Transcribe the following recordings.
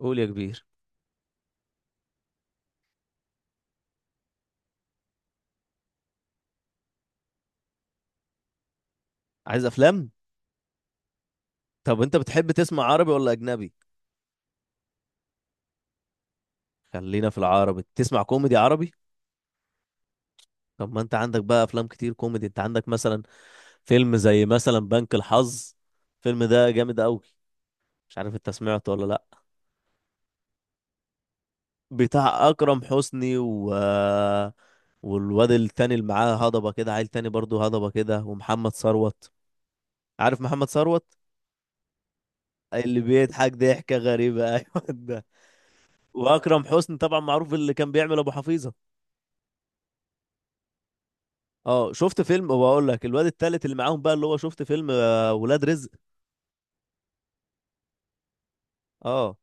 قول يا كبير. عايز افلام؟ طب انت بتحب تسمع عربي ولا اجنبي؟ خلينا في العربي، تسمع كوميدي عربي. طب ما انت عندك بقى افلام كتير كوميدي، انت عندك مثلا فيلم زي مثلا بنك الحظ. الفيلم ده جامد قوي، مش عارف انت سمعته ولا لا. بتاع اكرم حسني و والواد التاني اللي معاه هضبه كده، عيل تاني برضه هضبه كده، ومحمد ثروت. عارف محمد ثروت؟ اللي بيضحك ضحكه غريبه ايوه ده. واكرم حسني طبعا معروف اللي كان بيعمل ابو حفيظه. اه شفت فيلم، وبقول لك الواد التالت اللي معاهم بقى اللي هو شفت فيلم ولاد رزق. اه،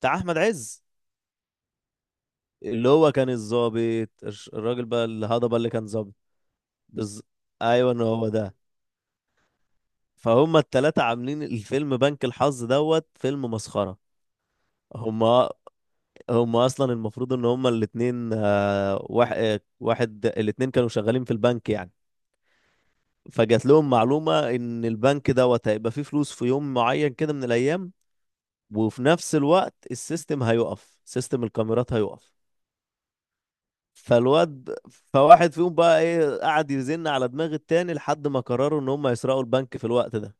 بتاع احمد عز. اللي هو كان الظابط، الراجل بقى الهضبه اللي كان ظابط. بز... ايوه إن هو ده. فهم التلاتة عاملين الفيلم بنك الحظ دوت، فيلم مسخره. هم هم اصلا المفروض ان هم الاتنين، آه، واحد آه، واحد الاتنين كانوا شغالين في البنك يعني. فجات لهم معلومه ان البنك دوت هيبقى فيه فلوس في يوم معين كده من الايام، وفي نفس الوقت السيستم هيقف، سيستم الكاميرات هيقف. فالواد فواحد فيهم بقى ايه قعد يزن على دماغ التاني لحد ما قرروا ان هم يسرقوا البنك في الوقت ده.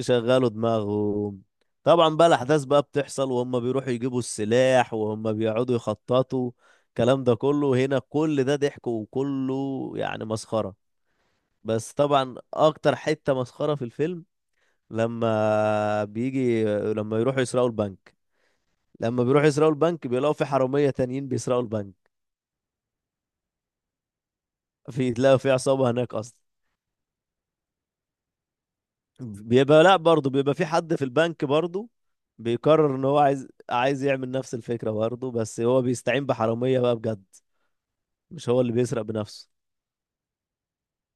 شغلوا دماغهم. طبعا بقى الاحداث بقى بتحصل، وهم بيروحوا يجيبوا السلاح، وهم بيقعدوا يخططوا. الكلام ده كله هنا كل ده ضحك وكله يعني مسخرة. بس طبعا اكتر حتة مسخرة في الفيلم لما بيجي لما يروحوا يسرقوا البنك، لما بيروحوا يسرقوا البنك بيلاقوا في حرامية تانيين بيسرقوا البنك. في تلاقوا في عصابة هناك أصلا. بيبقى لا برضه بيبقى في حد في البنك برضه بيقرر إن هو عايز يعمل نفس الفكرة برضه، بس هو بيستعين بحرامية بقى بجد، مش هو اللي بيسرق بنفسه.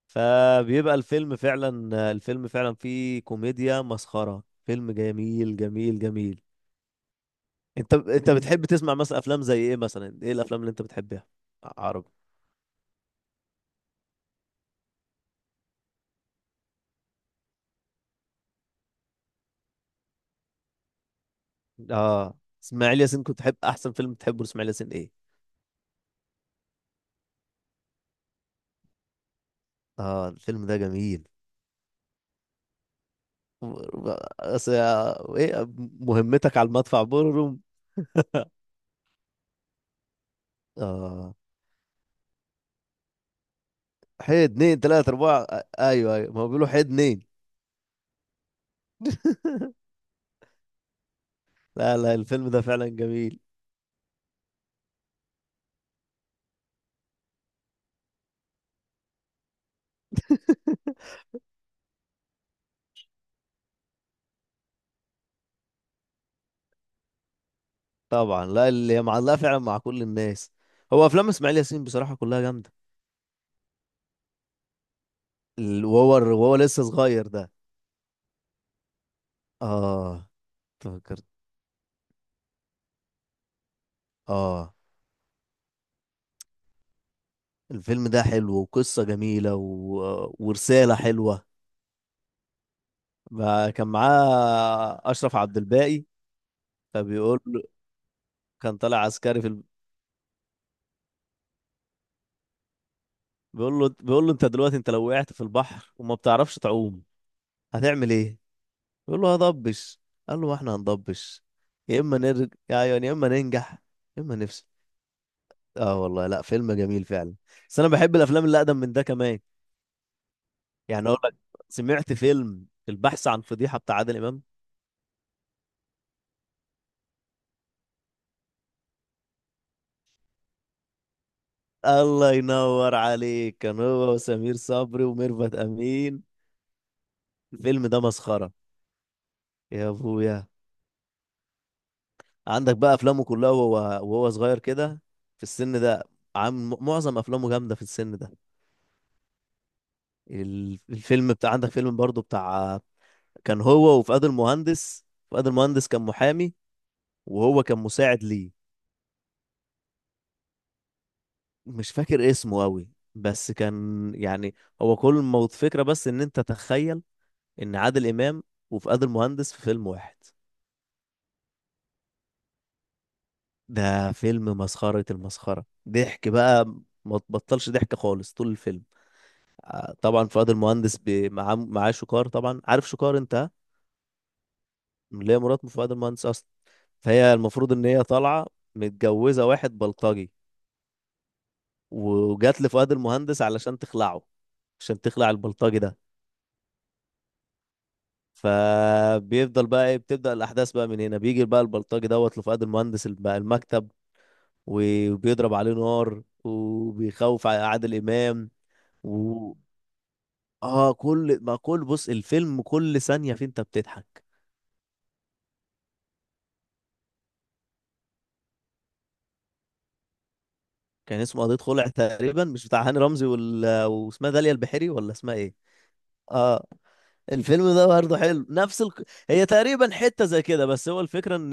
فبيبقى الفيلم فعلا، الفيلم فعلا فيه كوميديا مسخرة، فيلم جميل جميل جميل. انت بتحب تسمع مثلا افلام زي ايه؟ مثلا ايه الافلام اللي انت بتحبها؟ عربي. اه. اسماعيل ياسين كنت تحب، احسن فيلم تحبه لاسماعيل ياسين ايه؟ اه الفيلم ده جميل. ايه، مهمتك على المدفع بورروم. اه حي اتنين تلاتة اربعة، ايوه ايوه ما هو بيقولوا حي اتنين. لا لا، الفيلم ده فعلا جميل. طبعا، لا اللي معلقة فعلا مع كل الناس. هو افلام اسماعيل ياسين بصراحة كلها جامدة. وهو لسه صغير ده. اه. تفكرت. اه الفيلم ده حلو وقصة جميلة ورسالة حلوة. ما كان معاه أشرف عبد الباقي. فبيقول له، كان طالع عسكري في بيقول له، بيقول له انت دلوقتي انت لو وقعت في البحر وما بتعرفش تعوم، هتعمل ايه؟ بيقول له هضبش. قال له ما احنا هنضبش. يا اما نرجع يعني يا اما ننجح يا اما نفشل. اه والله لا فيلم جميل فعلا. بس انا بحب الافلام اللي اقدم من ده كمان. يعني اقول لك، سمعت فيلم البحث عن فضيحة بتاع عادل امام؟ الله ينور عليك، كان هو وسمير صبري وميرفت امين. الفيلم ده مسخرة يا ابويا. عندك بقى افلامه كلها وهو، صغير كده، في السن ده عامل معظم افلامه جامده في السن ده. الفيلم بتاع، عندك فيلم برضو بتاع، كان هو وفؤاد المهندس. فؤاد المهندس كان محامي، وهو كان مساعد ليه. مش فاكر اسمه قوي، بس كان يعني، هو كل ما فكرة بس ان انت تخيل ان عادل امام وفؤاد المهندس في فيلم واحد. ده فيلم مسخرة المسخرة، ضحك بقى ما تبطلش ضحك خالص طول الفيلم. طبعا فؤاد المهندس معاه شوكار، طبعا عارف شوكار انت ها؟ اللي هي مرات فؤاد المهندس اصلا. فهي المفروض ان هي طالعه متجوزه واحد بلطجي، وجات لفؤاد المهندس علشان تخلعه، عشان تخلع البلطجي ده. فبيفضل بقى ايه بتبدأ الأحداث بقى من هنا، بيجي بقى البلطجي دوت لفؤاد المهندس المكتب، وبيضرب عليه نار وبيخوف عادل إمام. و، اه كل ما كل بص الفيلم كل ثانية فيه انت بتضحك. كان اسمه قضية خلع تقريبا، مش بتاع هاني رمزي وال... آه، واسمها داليا البحيري ولا اسمها ايه؟ اه الفيلم ده برضه حلو نفس هي تقريبا حتة زي كده، بس هو الفكرة ان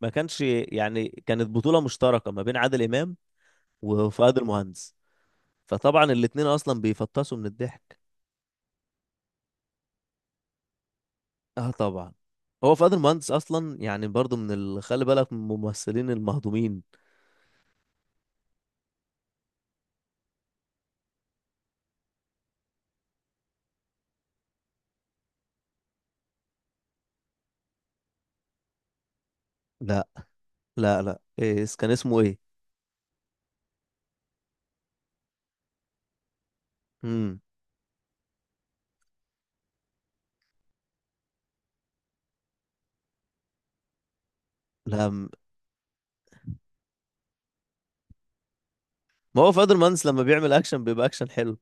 ما كانش يعني كانت بطولة مشتركة ما بين عادل امام وفؤاد المهندس. فطبعا الاتنين اصلا بيفطسوا من الضحك. اه طبعا. هو فؤاد المهندس اصلا يعني برضه من خلي بالك من الممثلين المهضومين. لا لا إيه كان اسمه ايه؟ امم لا. ما هو فؤاد المهندس لما بيعمل اكشن بيبقى اكشن حلو.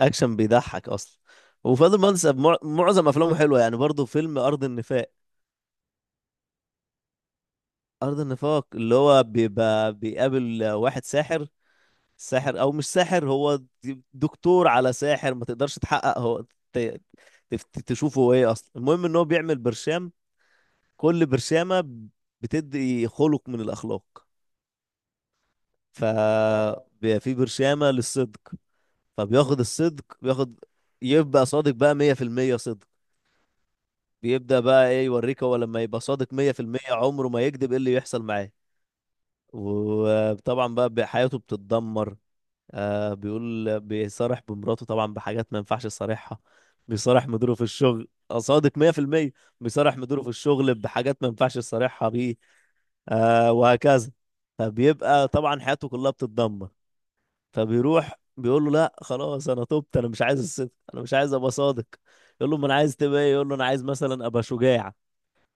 اكشن بيضحك اصلا. وفاضل مهندس معظم افلامه حلوه يعني، برضه فيلم ارض النفاق. ارض النفاق اللي هو بيبقى بيقابل واحد ساحر، ساحر او مش ساحر، هو دكتور على ساحر، ما تقدرش تحقق هو ت- تشوفه هو ايه اصلا. المهم ان هو بيعمل برشام، كل برشامه بتدي خلق من الاخلاق. ف، بيبقى في برشامه للصدق، فبياخد الصدق، بياخد يبقى صادق بقى 100% صدق، بيبدأ بقى ايه يوريك هو لما يبقى صادق 100% عمره ما يكذب ايه اللي يحصل معاه. وطبعا بقى حياته بتتدمر. آه بيقول بيصارح بمراته طبعا بحاجات ما ينفعش يصارحها، بيصارح مديره في الشغل، صادق 100%. بيصارح مديره في الشغل بحاجات ما ينفعش يصارحها بيه. آه وهكذا. فبيبقى طبعا حياته كلها بتتدمر. فبيروح بيقول له لا خلاص انا تبت، انا مش عايز الصدق، انا مش عايز ابقى صادق. يقول له ما انا عايز تبقى ايه؟ يقول له انا عايز مثلا ابقى شجاع.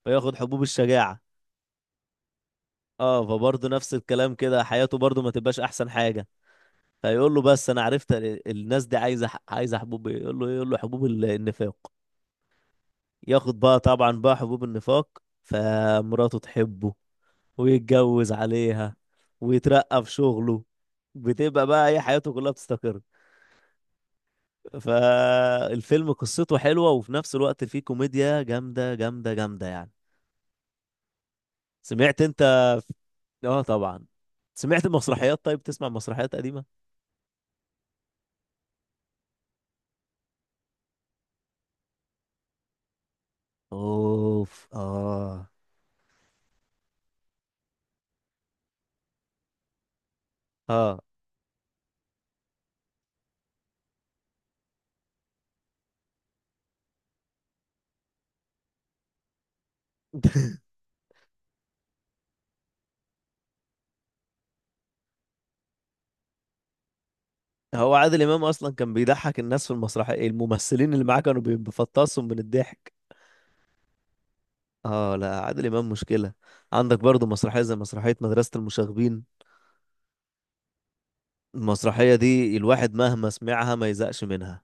فياخد حبوب الشجاعة. اه فبرضه نفس الكلام كده، حياته برضه ما تبقاش احسن حاجة. فيقول له بس انا عرفت الناس دي عايزة عايزة حبوب إيه؟ يقول له إيه؟ يقول له حبوب النفاق. ياخد بقى طبعا بقى حبوب النفاق، فمراته تحبه، ويتجوز عليها، ويترقى في شغله. بتبقى بقى ايه حياته كلها بتستقر. فالفيلم قصته حلوة، وفي نفس الوقت فيه كوميديا جامدة جامدة جامدة يعني. سمعت انت؟ اه طبعا. سمعت مسرحيات؟ طيب تسمع مسرحيات قديمة؟ اوف. اه. اه. هو عادل امام اصلا كان بيضحك الناس في المسرحية، الممثلين اللي معاه كانوا بيفطسهم من الضحك. اه لا عادل امام مشكلة. عندك برضو مسرحية زي مسرحية مدرسة المشاغبين. المسرحية دي الواحد مهما سمعها ما يزهقش منها،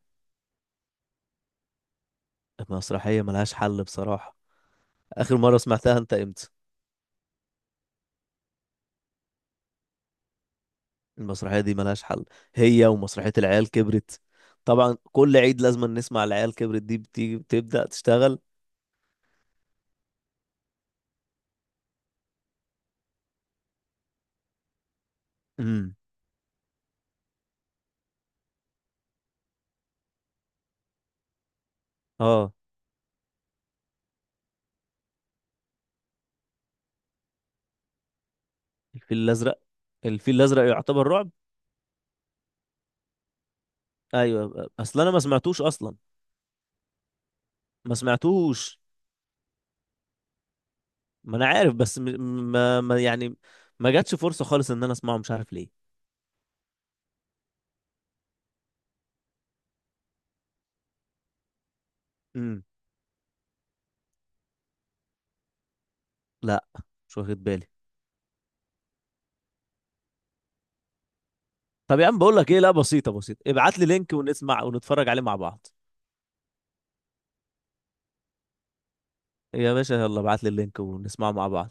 المسرحية ملهاش حل بصراحة. اخر مرة سمعتها انت امتى؟ المسرحية دي ملهاش حل، هي ومسرحية العيال كبرت. طبعا كل عيد لازم نسمع العيال كبرت، دي بتيجي بتبدأ تشتغل. امم اه. الفيل الأزرق، الفيل الأزرق يعتبر رعب. ايوه اصل انا ما سمعتوش اصلا، ما سمعتوش. ما انا عارف بس م... ما... ما يعني ما جاتش فرصة خالص ان انا اسمعه مش عارف ليه. امم لا، مش واخد بالي. طب يا عم بقول لك ايه، لا بسيطة بسيطة، ابعت لي لينك ونسمع ونتفرج عليه مع بعض. يا باشا يلا ابعت لي اللينك ونسمعه مع بعض.